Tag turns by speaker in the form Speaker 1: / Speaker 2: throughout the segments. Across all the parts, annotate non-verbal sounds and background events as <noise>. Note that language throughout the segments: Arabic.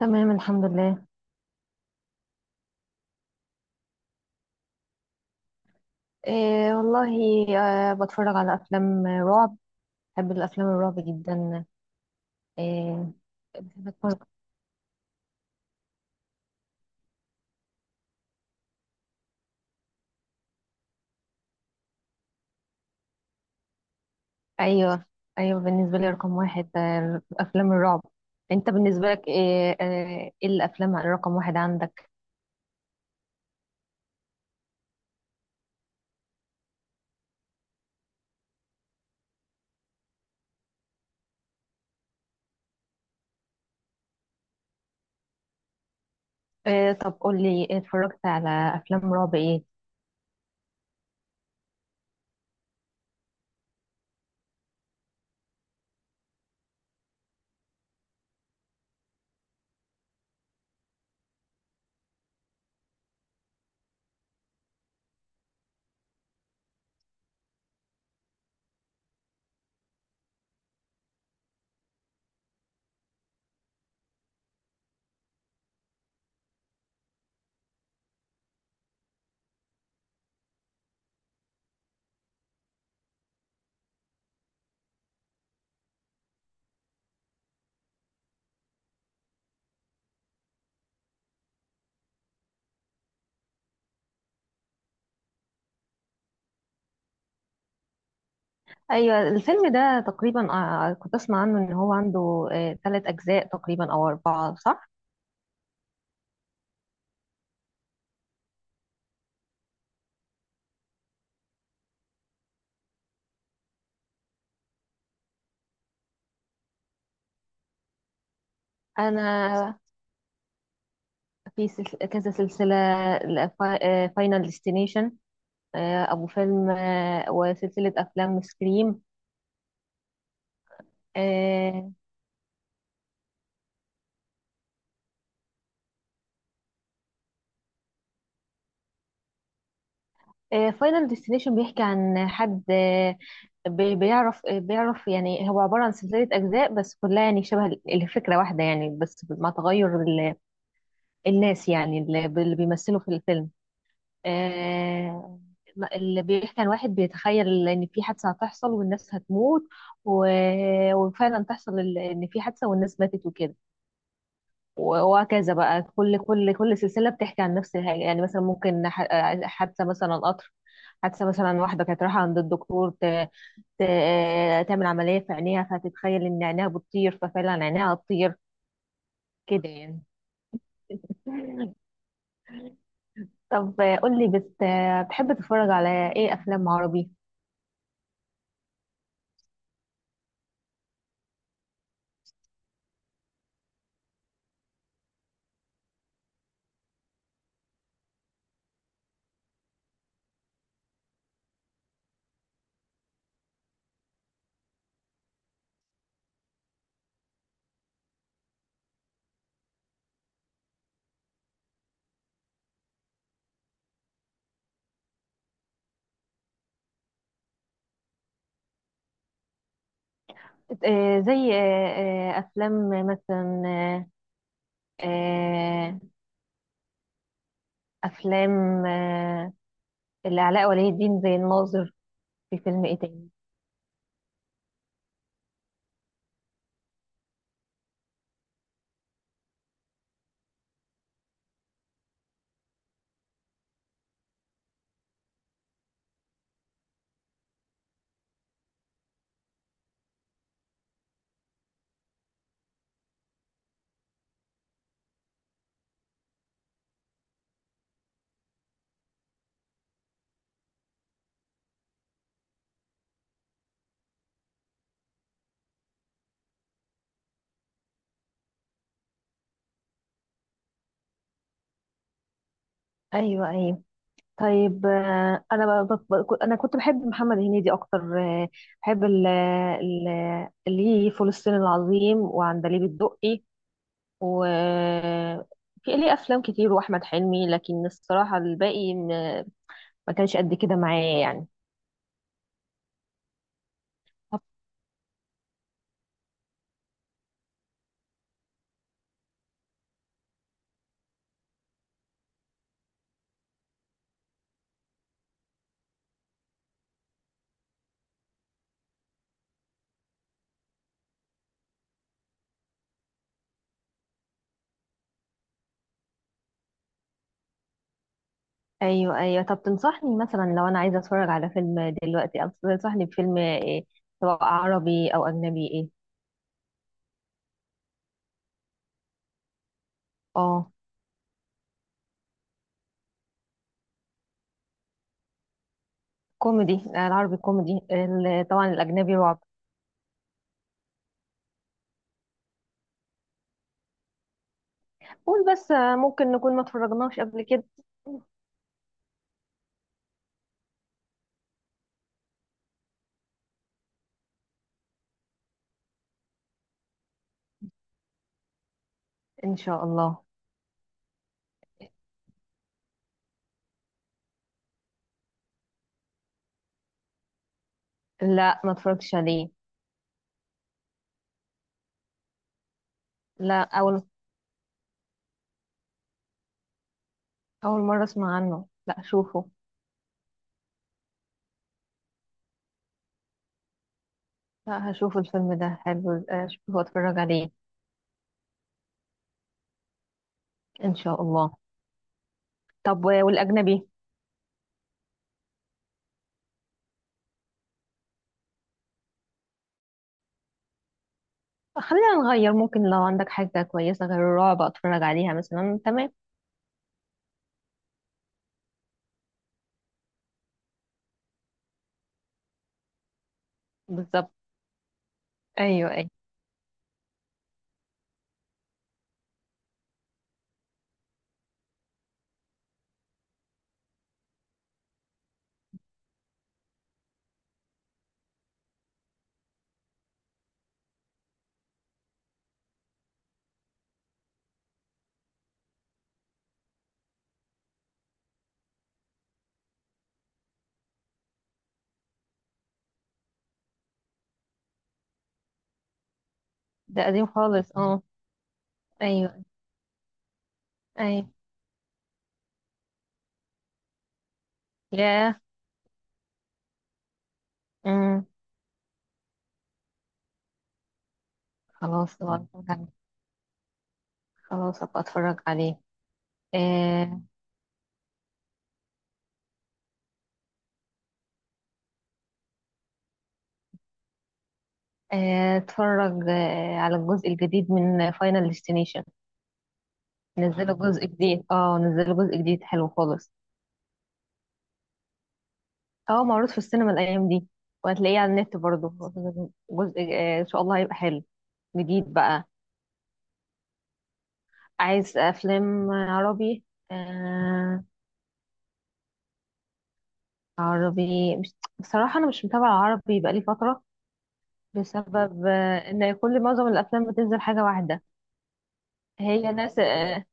Speaker 1: تمام، الحمد لله. إيه والله. آه، بتفرج على افلام رعب. بحب الافلام الرعب جدا. إيه. بحب اتفرج. ايوه ايوه، بالنسبه لي رقم واحد افلام الرعب. انت بالنسبه لك ايه؟ ايه الافلام رقم واحد عندك؟ إيه، طب قول لي إيه اتفرجت على افلام رعب ايه؟ ايوه، الفيلم ده تقريبا كنت اسمع عنه ان هو عنده ثلاث اجزاء تقريبا او اربعه، صح؟ انا في كذا سلسلة، ل- فا- فاينل ديستنيشن، أبو فيلم، وسلسلة أفلام سكريم. آه، فاينل ديستنيشن بيحكي عن حد، آه، بيعرف يعني، هو عبارة عن سلسلة أجزاء بس كلها يعني شبه الفكرة واحدة، يعني بس مع تغير الناس، يعني اللي بيمثلوا في الفيلم. آه، اللي بيحكي عن واحد بيتخيل ان في حادثه هتحصل والناس هتموت، و... وفعلا تحصل ان في حادثه والناس ماتت وكده. وهكذا بقى كل سلسله بتحكي عن نفس الحاجه، يعني مثلا ممكن حادثه مثلا قطر، حادثه مثلا واحده كانت رايحه عند الدكتور ت... تعمل عمليه في عينيها، فتتخيل ان عينيها بتطير، ففعلا عينيها هتطير، كده يعني. <laughs> طب قول لي بتحب تتفرج على ايه افلام عربي؟ زي افلام مثلا آه، افلام آه، لعلاء ولي الدين زي الناظر. في فيلم ايه تاني؟ ايوه ايوه. طيب انا ب- ب- ب- انا كنت بحب محمد هنيدي اكتر، آه، بحب ليه فول الصين العظيم وعندليب الدقي، وفي ليه افلام كتير واحمد حلمي، لكن الصراحه الباقي ما كانش قد كده معايا يعني. ايوه ايوه. طب تنصحني مثلا لو انا عايزه اتفرج على فيلم دلوقتي، أو تنصحني بفيلم ايه، سواء عربي او اجنبي، ايه؟ اه، كوميدي، العربي كوميدي، طبعا الاجنبي رعب. قول بس، ممكن نكون ما اتفرجناش قبل كده. ان شاء الله. لا، ما اتفرجتش عليه. لا اول مره اسمع عنه، لا، اشوفه. لا، هشوف الفيلم ده حلو، اشوفه واتفرج عليه ان شاء الله. طب والاجنبي؟ خلينا نغير، ممكن لو عندك حاجه كويسه غير الرعب اتفرج عليها مثلا، تمام. بالظبط. ايوه ايوه. ده قديم خالص؟ اه. ايوه ايوه. ياه. امم خلاص أبقى أتفرج عليه. خلاص ابقى اتفرج عليه. آه، اتفرج على الجزء الجديد من فاينل ديستنيشن. نزلوا جزء جديد، اه، نزلوا جزء جديد حلو خالص. اه، معروض في السينما الايام دي، وهتلاقيه على النت برضه. جزء ان شاء الله هيبقى حلو، جديد بقى. عايز افلام عربي؟ آه عربي، مش... بصراحة انا مش متابعة عربي بقالي فترة، بسبب ان معظم الافلام بتنزل حاجه واحده. هي نفس آه،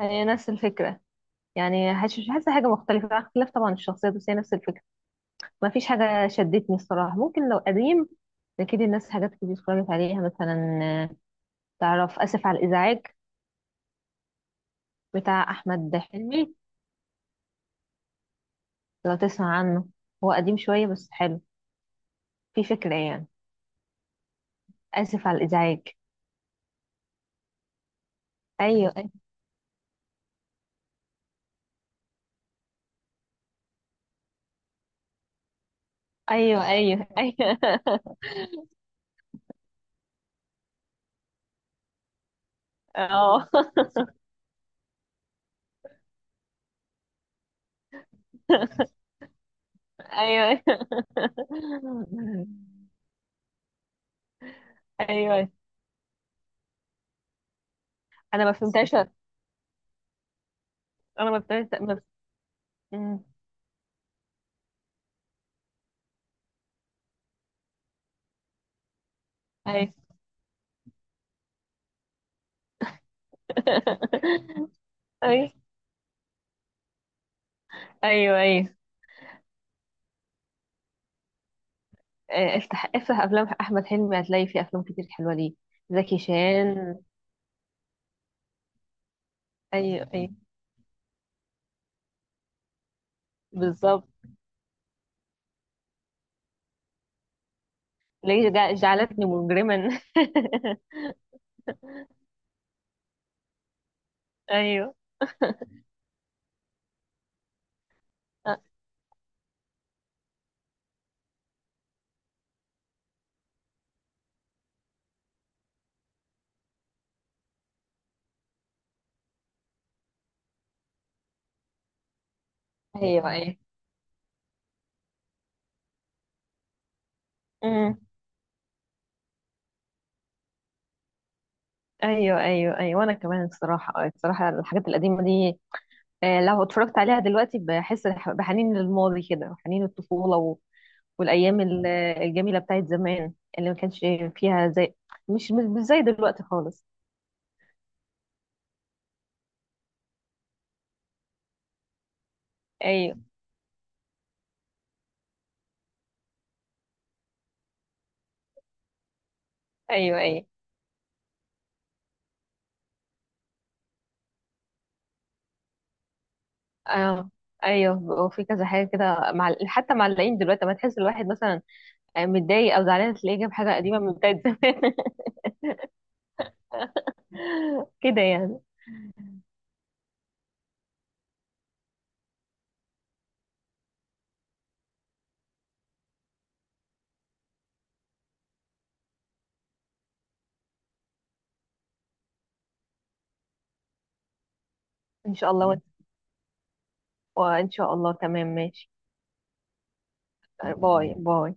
Speaker 1: هي نفس الفكره. يعني حاسه، مش حاسه حاجه مختلفه، مع اختلاف طبعا الشخصيات، بس هي نفس الفكره. ما فيش حاجه شدتني الصراحه، ممكن لو قديم اكيد، الناس حاجات كتير اتفرجت عليها مثلا، تعرف اسف على الازعاج بتاع احمد حلمي، لو تسمع عنه، هو قديم شويه بس حلو، في فكره يعني. اسف على الازعاج. ايوه ايوه ايوه ايوه، <laughs> أيوة. اه. <laughs> ايوه. <laughs> ايوه. انا ما فهمتهاش. انا ما فهمتهاش مم. ايوه. <laughs> ايوه ايوه ايوه. افتح افتح افلام احمد حلمي هتلاقي فيه افلام كتير حلوه ليه. زكي شان. ايوه ايوه، بالظبط. ليه جعلتني مجرما. <laughs> ايوه. آه، ايوه ايوه. مم. ايوه ايوه ايوه. وانا كمان، الصراحه الصراحه الحاجات القديمه دي، لو اتفرجت عليها دلوقتي بحس بحنين للماضي، كده حنين الطفولة والأيام الجميلة بتاعت زمان، اللي ما كانش فيها زي... مش زي دلوقتي خالص. أيوه أيوه أيوه. آه أيوه. وفي كذا حاجة كده، مع حتى معلقين دلوقتي، ما تحس الواحد مثلا متضايق أو زعلان تلاقيه جاب حاجة قديمة من بتاعت زمان. <laughs> كده يعني. إن شاء الله. وإن شاء الله، تمام، ماشي. باي باي.